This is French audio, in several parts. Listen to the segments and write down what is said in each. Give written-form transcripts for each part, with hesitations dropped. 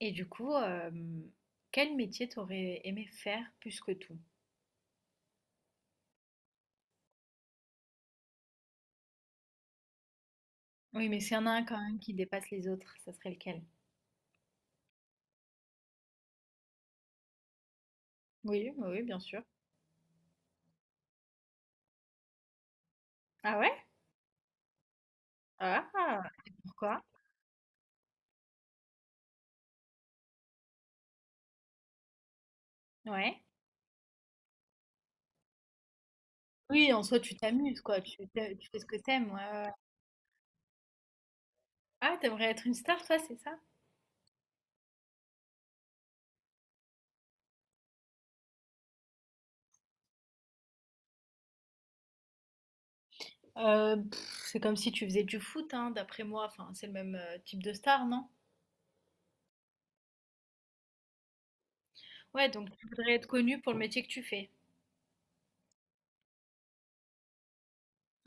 Et du coup, quel métier t'aurais aimé faire plus que tout? Oui, mais s'il y en a un quand même qui dépasse les autres, ça serait lequel? Oui, oui, oui, bien sûr. Ah ouais? Ah! Et pourquoi? Ouais. Oui, en soi, tu t'amuses, quoi, tu fais ce que t'aimes. Ouais, ouais, ouais. Ah, tu aimerais être une star, toi, c'est ça? Heu, c'est comme si tu faisais du foot, hein, d'après moi, enfin, c'est le même, type de star, non? Ouais, donc tu voudrais être connue pour le métier que tu fais?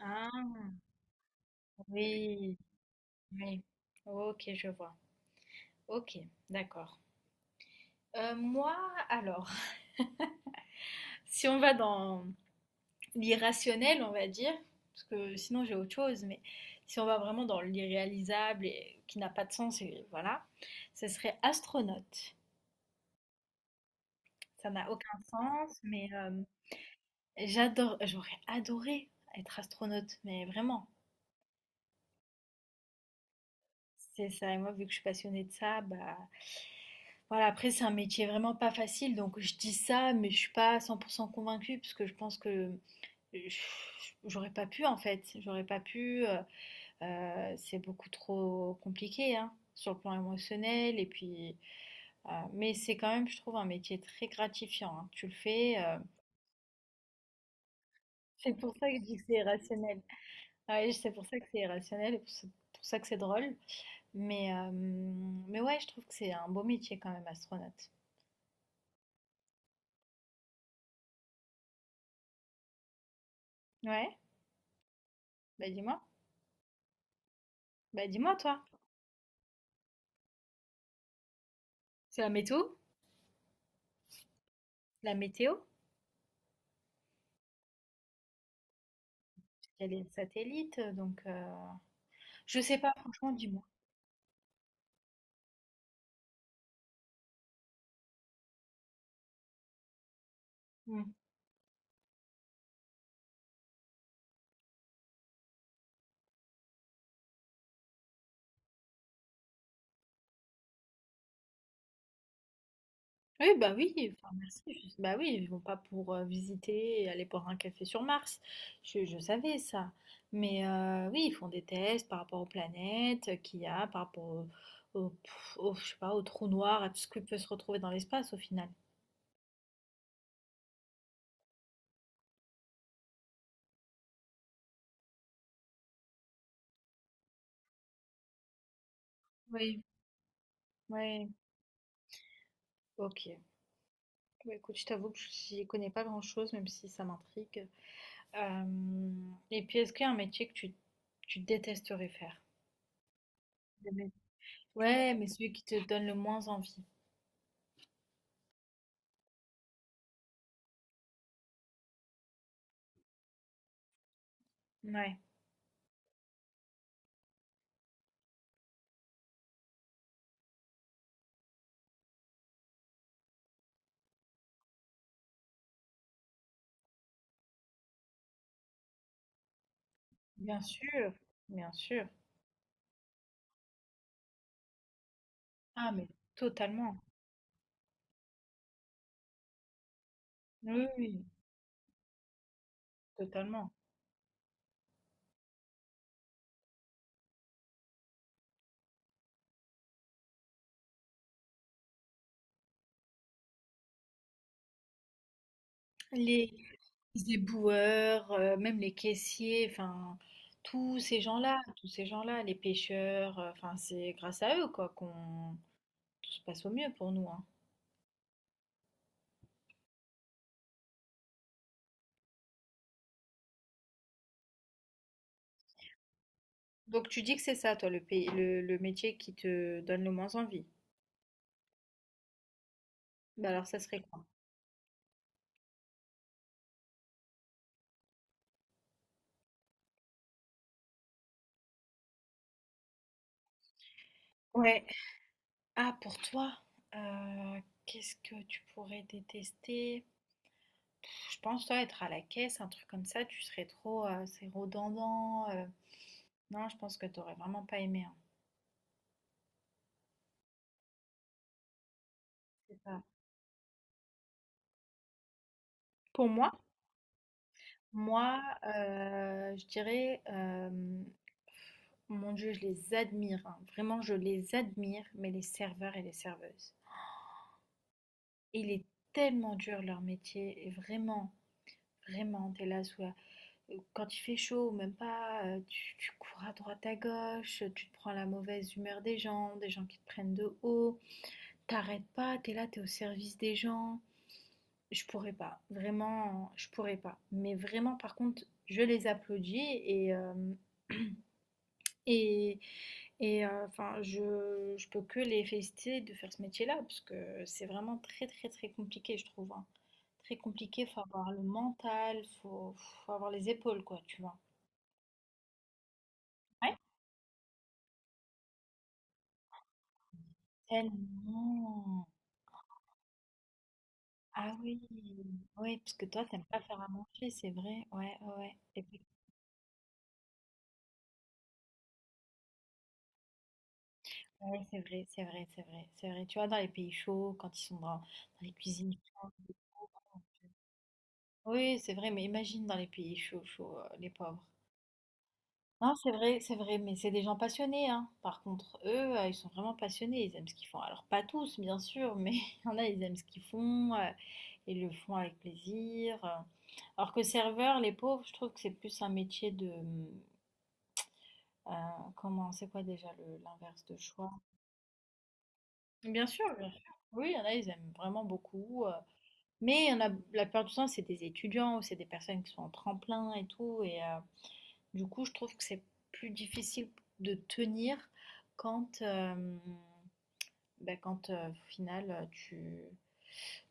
Ah oui, oui. OK, je vois. OK, d'accord. Moi, alors, si on va dans l'irrationnel, on va dire, parce que sinon j'ai autre chose, mais si on va vraiment dans l'irréalisable et qui n'a pas de sens, et voilà, ce serait astronaute. Ça n'a aucun sens, mais j'adore, j'aurais adoré être astronaute, mais vraiment. C'est ça, et moi, vu que je suis passionnée de ça, bah voilà, après, c'est un métier vraiment pas facile, donc je dis ça, mais je suis pas 100% convaincue, parce que je pense que je- j'aurais pas pu, en fait, j'aurais pas pu. C'est beaucoup trop compliqué hein, sur le plan émotionnel. Et puis, mais c'est quand même, je trouve, un métier très gratifiant, hein. Tu le fais. C'est pour ça que je dis que c'est irrationnel. Ouais, c'est pour ça que c'est irrationnel et pour ça que c'est drôle. Mais ouais, je trouve que c'est un beau métier quand même, astronaute. Ouais, bah dis-moi. Bah dis-moi, toi. C'est la météo? La météo? Il y a les satellites, donc je sais pas, franchement, dis-moi. Oui, bah oui, enfin merci, bah oui, ils vont pas pour visiter et aller boire un café sur Mars. Je savais ça. Mais oui, ils font des tests par rapport aux planètes qu'il y a, par rapport au, je sais pas, au trou noir, à tout ce qui peut se retrouver dans l'espace au final. Oui. Ouais, ok. Bah, écoute, je t'avoue que j'y connais pas grand-chose, même si ça m'intrigue. Euh, et puis, est-ce qu'il y a un métier que tu détesterais faire? Des métiers. Ouais, mais celui qui te donne le moins envie. Ouais. Bien sûr, bien sûr. Ah, mais totalement. Oui, oui, totalement. Les, les éboueurs, même les caissiers, enfin, tous ces gens-là, les pêcheurs, enfin, c'est grâce à eux, quoi, qu'on tout se passe au mieux pour nous, hein. Donc tu dis que c'est ça, toi, le métier qui te donne le moins envie. Bah alors, ça serait quoi? Ouais. Ah, pour toi, euh, qu'est-ce que tu pourrais détester? Je pense, toi, être à la caisse, un truc comme ça, tu serais trop, c'est redondant. Non, je pense que t'aurais vraiment pas aimé, hein. C'est ça. Pour moi, Moi, je dirais, mon Dieu, je les admire, hein. Vraiment, je les admire, mais les serveurs et les serveuses. Il est tellement dur leur métier, et vraiment, t'es là sous la- Quand il fait chaud, ou même pas, tu cours à droite à gauche, tu te prends la mauvaise humeur des gens qui te prennent de haut. T'arrêtes pas, t'es là, t'es au service des gens. Je pourrais pas, vraiment, je pourrais pas. Mais vraiment, par contre, je les applaudis et, et enfin, je peux que les féliciter de faire ce métier-là, parce que c'est vraiment très, très, très compliqué, je trouve, hein. Très compliqué, faut avoir le mental, faut avoir les épaules, quoi, tu vois. Ouais. Tellement. Ah oui, oui, parce que toi, t'aimes pas faire à manger, c'est vrai. Ouais, ouais, ouais. Oui, c'est vrai, c'est vrai, c'est vrai, c'est vrai. Tu vois, dans les pays chauds, quand ils sont dans les cuisines froides. Oui, c'est vrai, mais imagine dans les pays chauds, chauds, les pauvres. Non, c'est vrai, mais c'est des gens passionnés, hein. Par contre, eux, ils sont vraiment passionnés, ils aiment ce qu'ils font. Alors, pas tous, bien sûr, mais il y en a, ils aiment ce qu'ils font, ils le font avec plaisir. Alors que serveur, les pauvres, je trouve que c'est plus un métier de... euh, comment, c'est quoi déjà l'inverse de choix? Bien sûr, bien sûr. Oui, il y en a, ils aiment vraiment beaucoup. Mais on a, la plupart du temps, c'est des étudiants ou c'est des personnes qui sont en tremplin et tout. Et du coup, je trouve que c'est plus difficile de tenir quand, quand au final, tu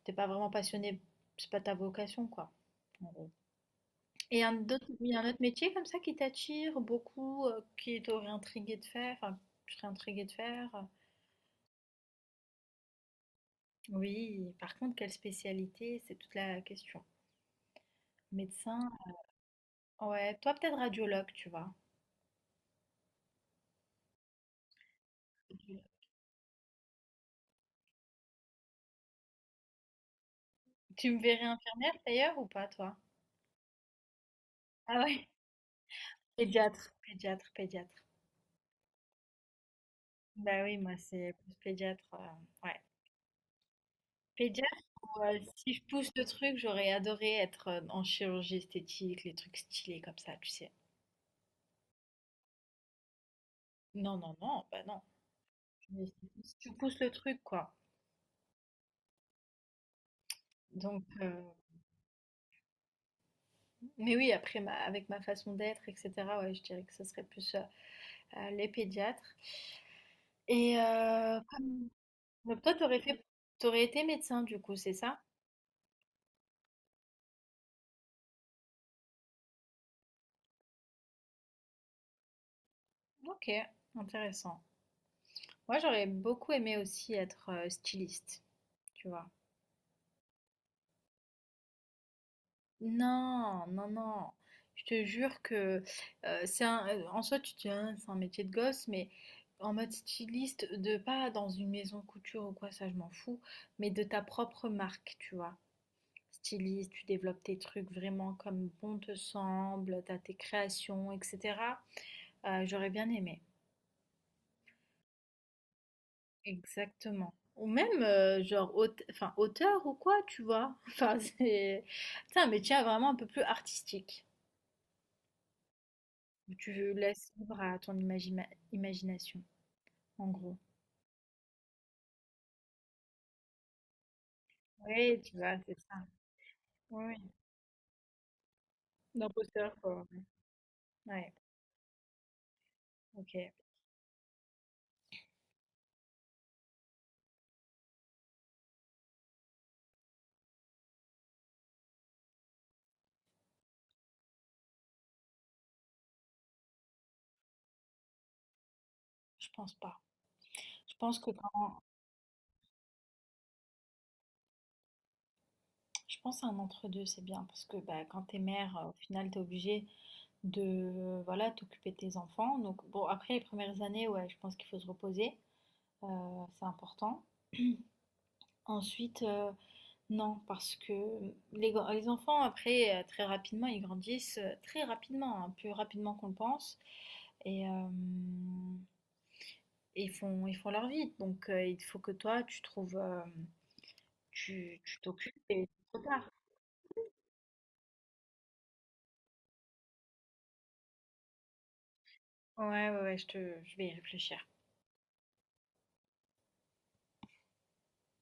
t'es pas vraiment passionné, c'est pas ta vocation, quoi, en gros. Et un autre, il y a un autre métier comme ça qui t'attire beaucoup, qui t'aurait intrigué de faire, enfin, tu serais intrigué de faire. Oui, par contre, quelle spécialité? C'est toute la question. Médecin, ouais, toi peut-être radiologue, tu vois. Tu me verrais infirmière d'ailleurs ou pas, toi? Ah ouais, pédiatre. Bah oui, moi c'est plus pédiatre, ouais. Pédiatre, si je pousse le truc, j'aurais adoré être en chirurgie esthétique, les trucs stylés comme ça, tu sais. Non, non, non, bah non. Mais si tu pousses le truc, quoi. Donc, mais oui, après, avec ma façon d'être, etc., ouais, je dirais que ce serait plus les pédiatres. Et donc toi, t'aurais été médecin, du coup, c'est ça? Ok, intéressant. Moi, j'aurais beaucoup aimé aussi être styliste, tu vois. Non, non, non. Je te jure que en soi, tu te dis, hein, c'est un métier de gosse, mais en mode styliste, de pas dans une maison couture ou quoi, ça, je m'en fous, mais de ta propre marque, tu vois. Styliste, tu développes tes trucs vraiment comme bon te semble, t'as tes créations, etc. J'aurais bien aimé. Exactement. Ou même, genre, enfin, auteur ou quoi, tu vois. Enfin, c'est un métier vraiment un peu plus artistique. Où tu laisses libre à ton imagination, en gros. Oui, tu vois, c'est ça. Oui, oui. L'imposteur, quoi. Ouais, ok. Je pense pas. Je pense que quand... Je pense à un entre-deux, c'est bien. Parce que bah, quand t'es mère, au final, t'es obligée de voilà, t'occuper de tes enfants. Donc, bon, après les premières années, ouais, je pense qu'il faut se reposer. C'est important. Ensuite, non, parce que les enfants après, très rapidement, ils grandissent, très rapidement, hein, plus rapidement qu'on le pense et hem et ils font leur vie. Donc il faut que toi, tu trouves, tu t'occupes et c'est trop tard. Ouais, ouais, ouais, je vais y réfléchir.